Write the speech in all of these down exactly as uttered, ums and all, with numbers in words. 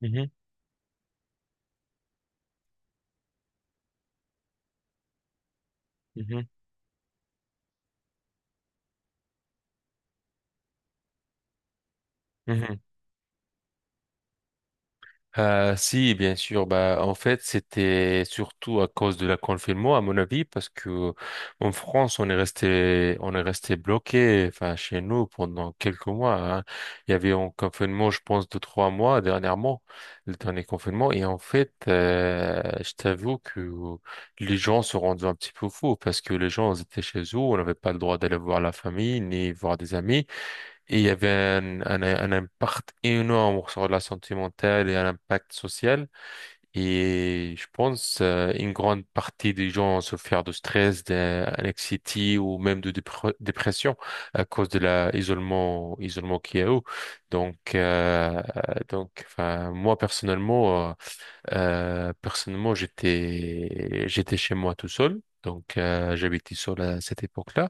Mhm, mhm, mhm. Ah, si, bien sûr. Bah, en fait, c'était surtout à cause de la confinement, à mon avis, parce que en France, on est resté, on est resté bloqué, enfin, chez nous pendant quelques mois. Hein. Il y avait un confinement, je pense, de trois mois dernièrement, le dernier confinement. Et en fait, euh, je t'avoue que les gens se rendaient un petit peu fous parce que les gens ils étaient chez eux, on n'avait pas le droit d'aller voir la famille ni voir des amis. Et il y avait un, un, un impact énorme sur la santé mentale et un impact social. Et je pense euh, une grande partie des gens ont souffert de stress, d'anxiété ou même de dépre- dépression à cause de l'isolement isolement qu'il y a eu. Donc, euh, donc enfin, moi personnellement, euh, euh, personnellement j'étais j'étais chez moi tout seul. Donc euh, j'habitais seul à cette époque-là.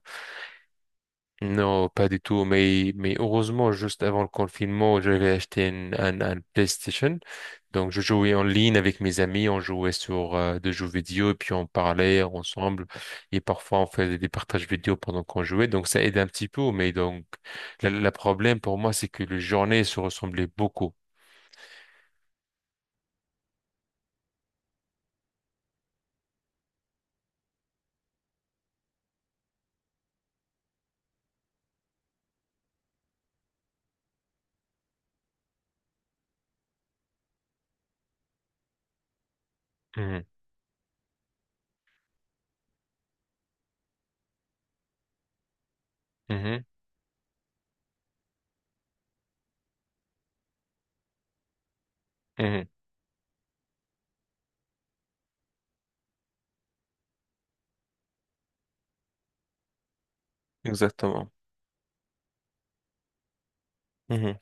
Non, pas du tout. Mais, mais heureusement, juste avant le confinement, j'avais acheté une- un, un PlayStation. Donc, je jouais en ligne avec mes amis. On jouait sur euh, des jeux vidéo et puis on parlait ensemble. Et parfois, on faisait des partages vidéo pendant qu'on jouait. Donc, ça aide un petit peu. Mais donc, la- le problème pour moi, c'est que les journées se ressemblaient beaucoup. Mhm, mhm, mhm. Exactement. Mhm,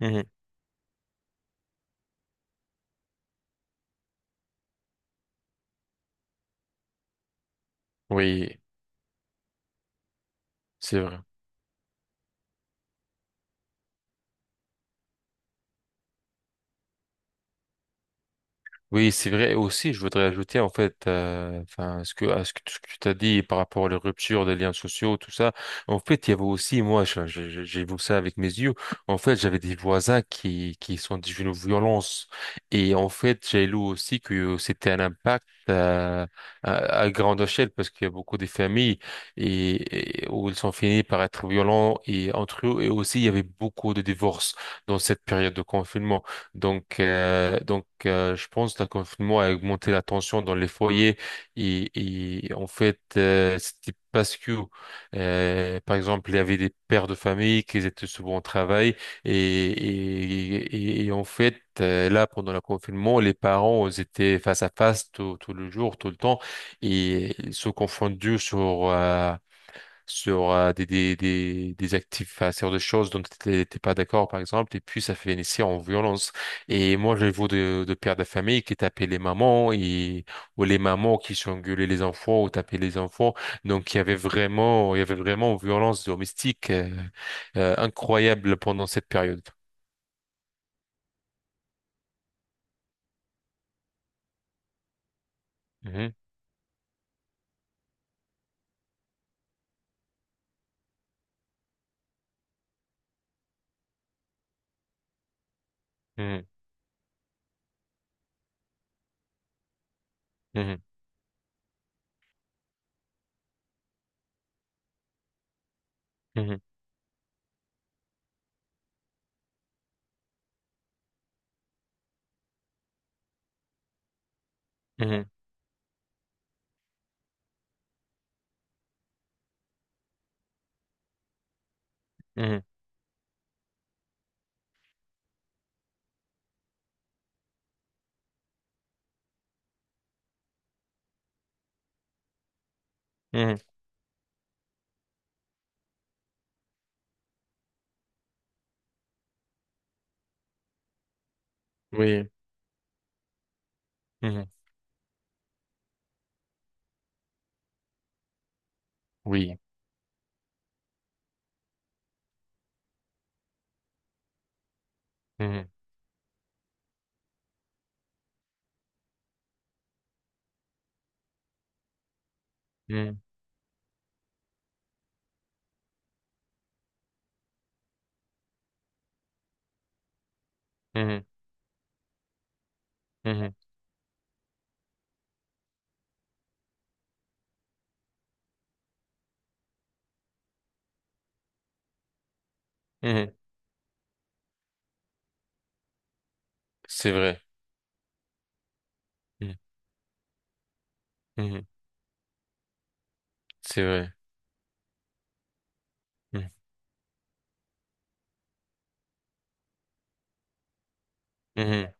mhm. Oui, c'est vrai. Oui, c'est vrai. Et Aussi, je voudrais ajouter, en fait, euh, enfin, ce que, à ce que, tout ce que tu as dit par rapport aux ruptures des liens sociaux, tout ça. En fait, il y avait aussi, moi, je- je- je- j'ai vu ça avec mes yeux. En fait, j'avais des voisins qui, qui sont devenus violents. Et en fait, j'ai lu aussi que c'était un impact, euh, à, à grande échelle parce qu'il y a beaucoup de familles et, et où ils sont finis par être violents et entre eux. Et aussi, il y avait beaucoup de divorces dans cette période de confinement. Donc, euh, donc euh, je pense que le confinement a augmenté la tension dans les foyers et, et en fait, euh, c'était parce que, euh, par exemple, il y avait des pères de famille qui étaient souvent au travail et, et, et, et en fait, euh, là, pendant le confinement, les parents ils étaient face à face tout, tout le jour, tout le temps et ils se confondaient sur... euh, sur euh, des, des, des, des actifs, enfin, sur des choses dont tu n'étais pas d'accord, par exemple, et puis ça fait finissait en violence. Et moi, je vois de, de pères de famille qui tapaient les mamans, et, ou les mamans qui s'engueulaient les enfants, ou tapaient les enfants. Donc, il y avait vraiment, il y avait vraiment une violence domestique euh, euh, incroyable pendant cette période. Mhm, mhm, mhm, mhm, mhm, mhm, mhm. Oui, mhm, oui, mhm, mhm, mhm, mhm, mhm. C'est vrai. Mhm, mhm. C'est vrai. Mhm. Mhm.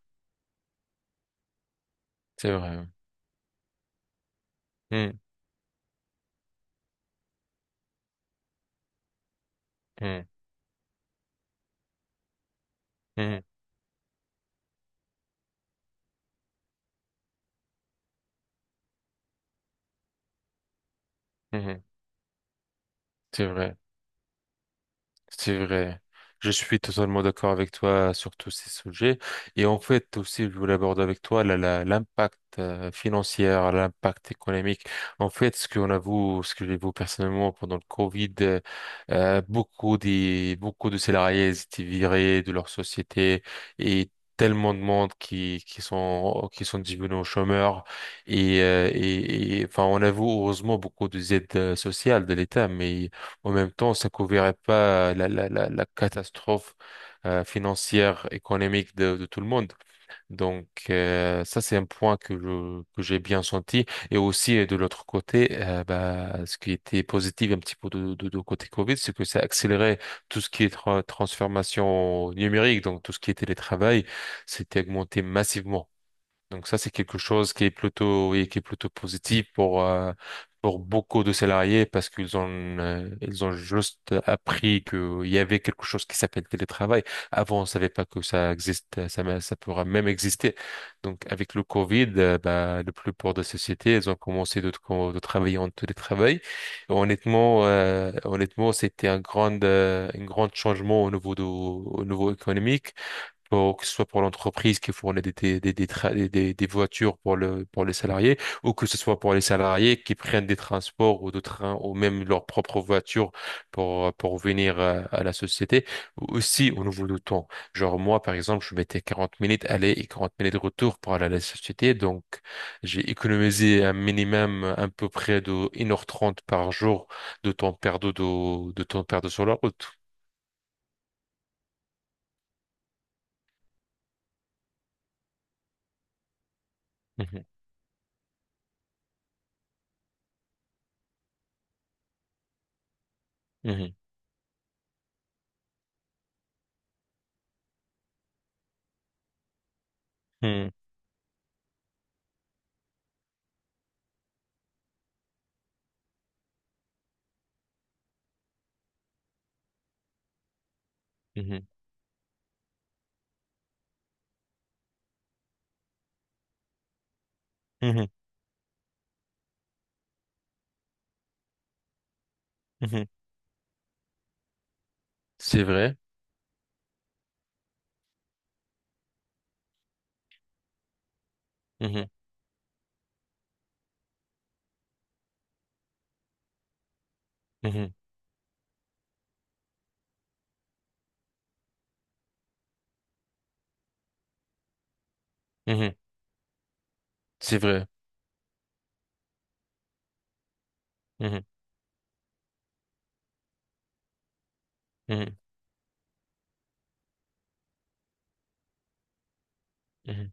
C'est vrai. Mhm. Mhm. Mhm. Mhm. C'est vrai. C'est vrai. Je suis totalement d'accord avec toi sur tous ces sujets. Et en fait, aussi, je voulais aborder avec toi la- la- l'impact euh, financier, l'impact économique. En fait, ce qu'on a vu, ce que j'ai vu personnellement pendant le Covid, euh, euh, beaucoup des, beaucoup de salariés étaient virés de leur société et tellement de monde qui, qui sont, qui sont devenus chômeurs. Et, euh, et, et, enfin, on a vu, heureusement, beaucoup des aides euh, sociales de l'État, mais en même temps, ça couvrirait pas la, la, la, la catastrophe euh, financière, économique de, de tout le monde. Donc, euh, ça, c'est un point que je- que j'ai bien senti. Et aussi, euh, de l'autre côté, euh, bah, ce qui était positif un petit peu de, de, de côté Covid, c'est que ça accélérait tout ce qui est tra- transformation numérique, donc tout ce qui est télétravail, c'était augmenté massivement. Donc ça, c'est quelque chose qui est plutôt, oui, qui est plutôt positif pour, euh, pour beaucoup de salariés parce qu'ils ont, euh, ils ont juste appris qu'il y avait quelque chose qui s'appelle télétravail. Avant, on savait pas que ça existe, ça, m'a- ça pourra même exister. Donc, avec le Covid, euh, bah, le plus pour des sociétés, elles ont commencé de, tra- de travailler en télétravail. Honnêtement, euh, honnêtement, c'était un grand, euh, un grand changement au niveau de, au niveau économique pour, que ce soit pour l'entreprise qui fournit des, des, des, des, tra- des, des- des voitures pour le, pour les salariés, ou que ce soit pour les salariés qui prennent des transports ou de trains ou même leur propre voiture pour, pour venir euh, à la société. Aussi, au niveau du temps. Genre, moi, par exemple, je mettais quarante minutes aller et quarante minutes retour pour aller à la société. Donc, j'ai économisé un minimum à peu près de une heure trente par jour de temps perdu, de, de temps perdu sur la route. Mhm, mhm, mhm, mhm, mhm, mhm. C'est vrai. Mhm, mhm, mhm. C'est vrai. Mhm, mhm, mhm,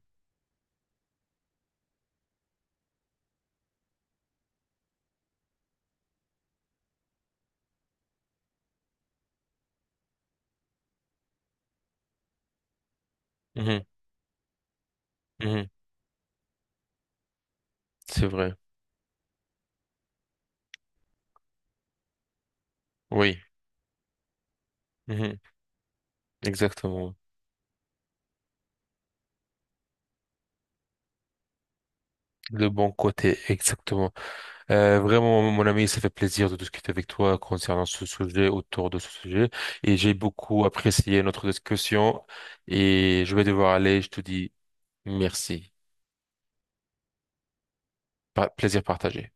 mhm, mhm. C'est vrai. Oui. Mhm. Exactement. Le bon côté, exactement. Euh, vraiment, mon ami, ça fait plaisir de discuter avec toi concernant ce sujet, autour de ce sujet. Et j'ai beaucoup apprécié notre discussion. Et je vais devoir aller. Je te dis merci. Pa- plaisir partagé.